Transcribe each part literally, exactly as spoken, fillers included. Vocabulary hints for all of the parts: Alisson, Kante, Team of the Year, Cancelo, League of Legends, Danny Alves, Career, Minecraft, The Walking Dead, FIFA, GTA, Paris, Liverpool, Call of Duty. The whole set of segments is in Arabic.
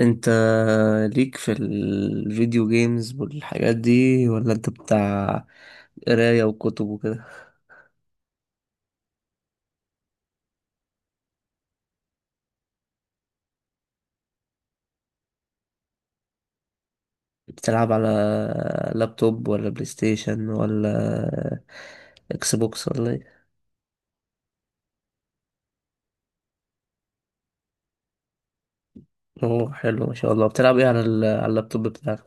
انت ليك في الفيديو جيمز والحاجات دي ولا انت بتاع قراية وكتب وكده؟ بتلعب على لابتوب ولا بلاي ستيشن ولا اكس بوكس ولا ايه؟ اوه، حلو ما شاء الله. بتلعب ايه على ال- على اللابتوب بتاعك؟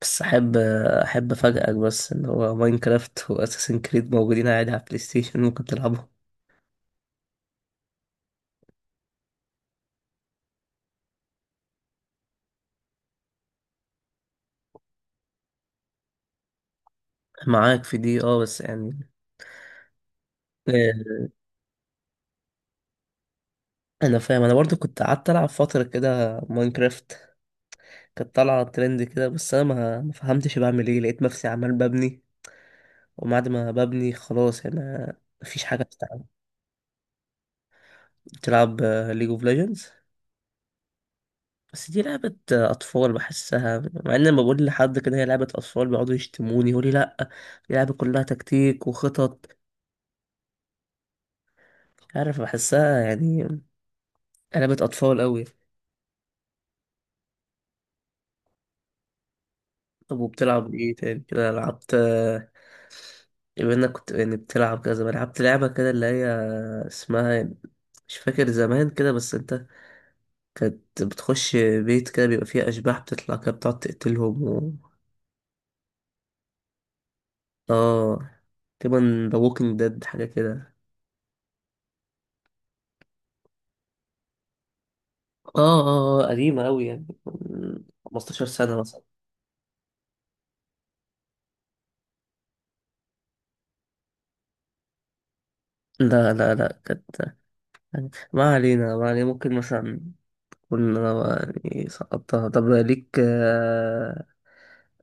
بس احب احب افاجئك، بس ان هو ماينكرافت واساسن كريد موجودين عادي على البلاي ستيشن ممكن تلعبهم. معاك في دي، اه، بس يعني آه، انا فاهم. انا برضو كنت قعدت العب فترة كده ماينكرافت، كانت طالعة ترند كده، بس أنا ما ما فهمتش بعمل إيه، لقيت نفسي عمال ببني، وبعد ما ببني خلاص أنا مفيش حاجة بتلعب. تلعب ليج اوف ليجندز؟ بس دي لعبة آه، أطفال بحسها، مع إن لما بقول لحد كده هي لعبة أطفال بيقعدوا يشتموني يقولي لأ، دي لعبة كلها تكتيك وخطط. مش عارف، بحسها يعني لعبة أطفال أوي. طب وبتلعب إيه تاني كده؟ لعبت آه، بما انك كنت يعني بتلعب كده زمان، لعبت لعبة كده اللي هي اسمها، مش فاكر زمان كده، بس انت كانت بتخش بيت كده بيبقى فيه أشباح بتطلع كده بتقعد تقتلهم و... اه، تقريبا ذا ووكينج ديد حاجة كده. اه اه، آه، قديمة أوي يعني من 15 سنة مثلا. لا لا لا، كانت ما علينا ما علينا. ممكن مثلا كنا يعني سقطتها. طب ليك آه،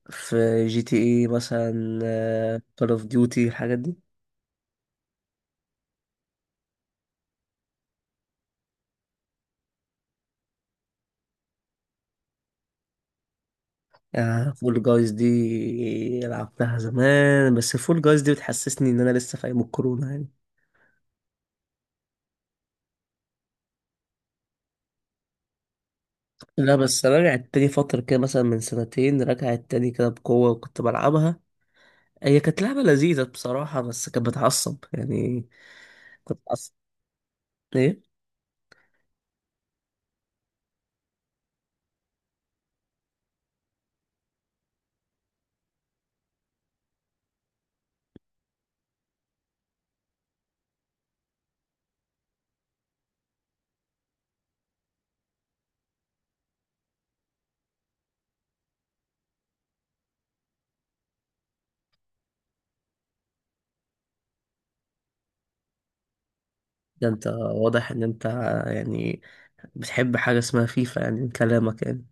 في جي تي اي مثلا، كول اوف ديوتي، الحاجات دي؟ آه، فول جايز دي لعبتها زمان، بس فول جايز دي بتحسسني ان انا لسه في ايام الكورونا يعني. لا، بس انا رجعت تاني فترة كده، مثلا من سنتين رجعت تاني كده بقوة وكنت بلعبها. هي كانت لعبة لذيذة بصراحة، بس كانت بتعصب يعني. كنت بتعصب، ايه. ده انت واضح ان انت يعني بتحب حاجة اسمها فيفا يعني من كلامك يعني.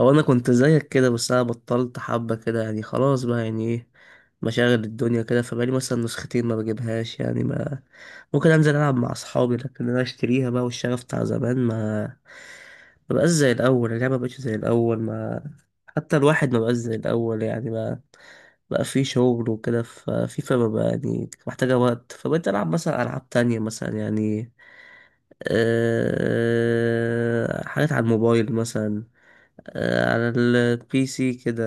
او انا كنت زيك كده، بس انا بطلت حبة كده، يعني خلاص بقى، يعني ايه، مشاغل الدنيا كده، فبقالي مثلا نسختين ما بجيبهاش يعني. ما ممكن انزل العب مع اصحابي، لكن انا اشتريها بقى والشغف بتاع زمان ما ما بقاش زي الاول، اللعبة ما بقتش زي الاول، ما حتى الواحد ما بقاش زي الاول يعني، ما بقى في شغل وكده. ففيفا بقى يعني محتاجة وقت، فبقيت ألعب مثلا ألعاب تانية، مثلا يعني أه حاجات على الموبايل مثلا، آه، على البي سي كده،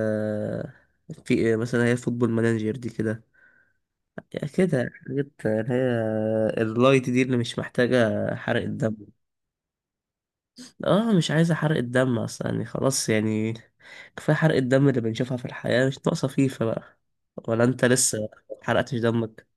في مثلا هي فوتبول مانجر دي كده، يعني كده حاجات اللي هي اللايت دي اللي مش محتاجة حرق الدم. اه، مش عايزة حرق الدم اصلا يعني، خلاص يعني، كفاية حرق الدم اللي بنشوفها في الحياة، مش ناقصة فيفا بقى. ولا انت لسه حرقتش دمك؟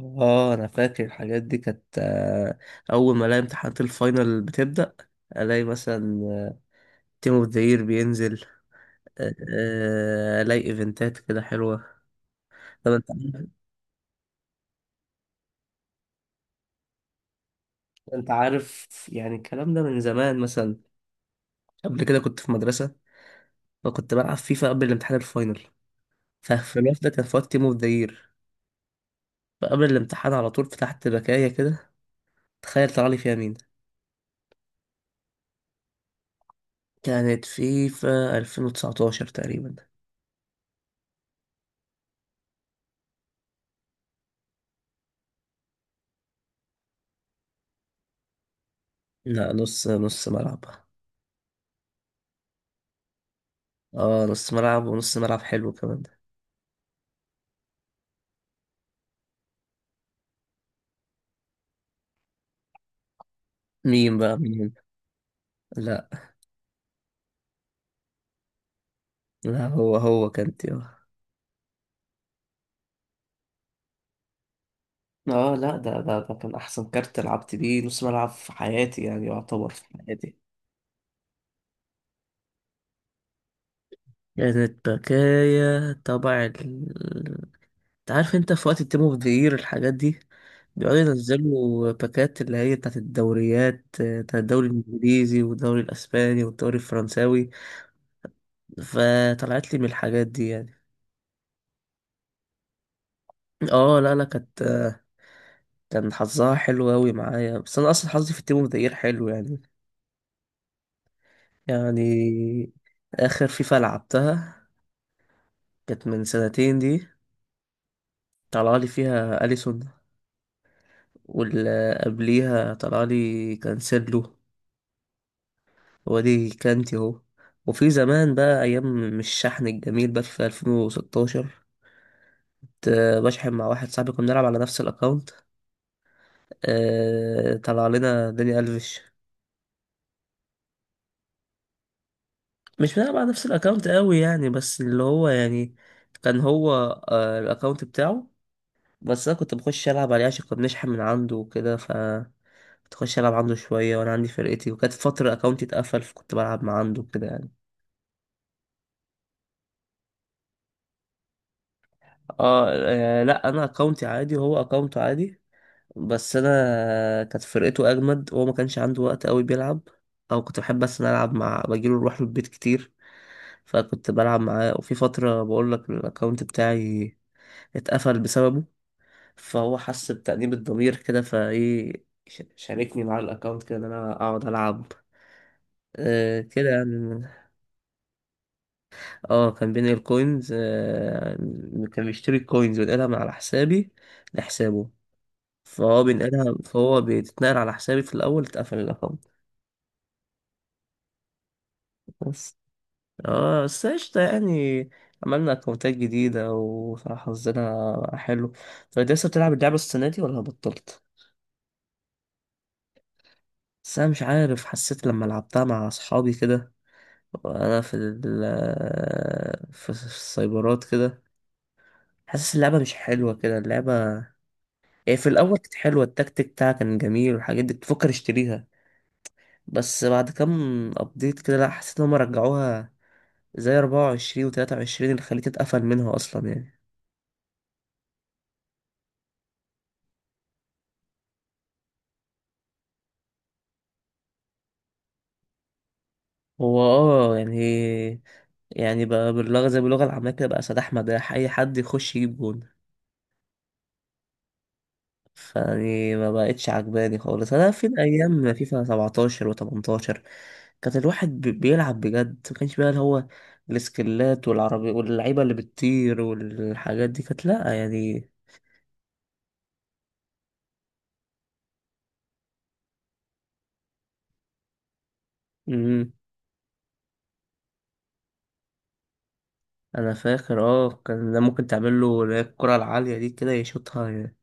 اه، انا فاكر الحاجات دي كانت آه، اول ما الاقي امتحانات الفاينل بتبدأ، الاقي مثلا تيم اوف ذا يير بينزل، آه، الاقي ايفنتات كده حلوه. طب انت عارف، انت عارف يعني الكلام ده من زمان؟ مثلا قبل كده كنت في مدرسه وكنت بلعب فيفا قبل الامتحان الفاينل، ففي الوقت ده كان في وقت تيم اوف ذا يير، فقبل الامتحان على طول فتحت بكايه كده. تخيل طلع لي فيها مين! كانت فيفا ألفين وتسعة عشر تقريبا. لا، نص نص ملعب. اه نص ملعب، ونص ملعب حلو كمان ده. مين بقى مين؟ لا لا، هو هو كانت، اه لا، ده ده ده كان احسن كارت لعبت بيه نص ملعب في حياتي، يعني يعتبر في حياتي. كانت بكايا تبع ال... انت عارف انت في وقت التيم اوف ذا يير الحاجات دي بيقعدوا ينزلوا باكات اللي هي بتاعت الدوريات، آه، بتاع الدوري الانجليزي والدوري الاسباني والدوري الفرنساوي، فطلعت لي من الحاجات دي يعني. اه لا لا، كانت كان حظها حلو اوي معايا، بس انا اصلا حظي في التيم اوف ذا يير حلو يعني. يعني اخر فيفا لعبتها كانت من سنتين دي، طلع لي فيها أليسون، واللي قبليها طلع لي كانسيلو، وادي كانتي اهو. وفي زمان بقى، أيام مش الشحن الجميل بقى في ألفين وستاشر، كنت بشحن مع واحد صاحبي، كنا بنلعب على نفس الأكاونت، آه، طلع لنا داني ألفيش. مش بنلعب على نفس الأكاونت قوي يعني، بس اللي هو يعني كان هو آه، الأكاونت بتاعه، بس أنا كنت بخش ألعب عليه عشان كنا بنشحن من عنده وكده. ف تخش العب عنده شويه، وانا عندي فرقتي، وكانت فتره اكونتي اتقفل، فكنت بلعب مع عنده كده يعني. اه، آه، لا، انا اكونتي عادي وهو اكونته عادي، بس انا كانت فرقته اجمد، وهو ما كانش عنده وقت قوي بيلعب، او كنت بحب بس أنا العب مع بجيله، نروح له البيت كتير، فكنت بلعب معاه. وفي فتره، بقول لك، الاكونت بتاعي اتقفل بسببه، فهو حس بتأنيب الضمير كده فايه، ش- شاركني معاه الاكونت كده، ان انا اقعد العب، آه كده يعني. اه، كان بينقل كوينز، آه، كان بيشتري الكوينز وينقلها من على حسابي لحسابه، فهو بينقلها، فهو بتتنقل على حسابي، في الأول اتقفل الأكونت. بس اه، بس قشطة يعني، عملنا أكونتات جديدة، وصراحة حظنا حلو. طب انت لسه بتلعب اللعبة السنة دي ولا بطلت؟ بس أنا مش عارف، حسيت لما لعبتها مع أصحابي كده، وأنا في ال في السايبرات كده، حاسس اللعبة مش حلوة كده اللعبة. إيه، في الاول كانت حلوه، التكتيك بتاعها كان جميل، والحاجات دي كنت بفكر اشتريها، بس بعد كام ابديت كده لا، حسيت ان هم رجعوها زي اربعة وعشرين و23 اللي خليت اتقفل منها اصلا يعني. هو اه يعني، يعني بقى باللغه زي باللغه العاميه كده، بقى سداح مداح، اي حد يخش يجيب جون. فيعني ما بقتش عجباني خالص، انا في ايام فيفا سبعتاشر و18 كان الواحد بي- بيلعب بجد، ما كانش بقى اللي هو السكلات والعربي واللعيبه اللي بتطير والحاجات دي، كانت لا يعني. امم، انا فاكر، اه كان ده ممكن تعمل له اللي هي الكرة العالية دي كده يشوطها يعني.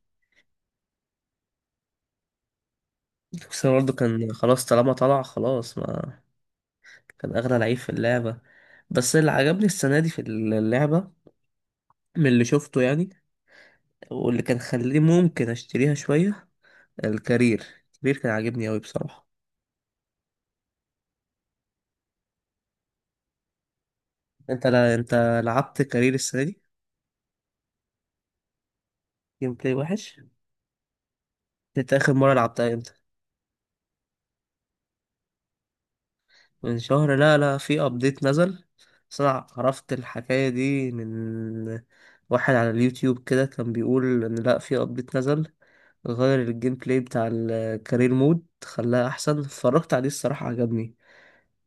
بس برضه كان خلاص طالما طلع خلاص، ما كان اغلى لعيب في اللعبة. بس اللي عجبني السنة دي في اللعبة من اللي شفته يعني، واللي كان خليني ممكن اشتريها شوية، الكارير. الكارير كان عاجبني اوي بصراحة. انت لا، انت لعبت كارير السنة دي؟ جيم بلاي وحش. انت اخر مرة لعبتها امتى؟ من شهر؟ لا لا، في ابديت نزل. بس انا عرفت الحكاية دي من واحد على اليوتيوب كده كان بيقول ان لا، في ابديت نزل غير الجيم بلاي بتاع الكارير مود، خلاه احسن. اتفرجت عليه الصراحة عجبني،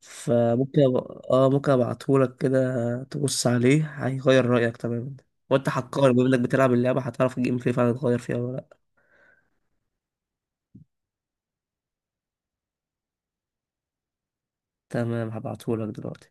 فممكن أب... اه ممكن ابعتهولك كده، تبص عليه هيغير رأيك تماما. وانت حكار بما انك بتلعب اللعبة، هتعرف الجيم بلاي فعلا اتغير فيها ولا لا. تمام، هبعتهولك دلوقتي.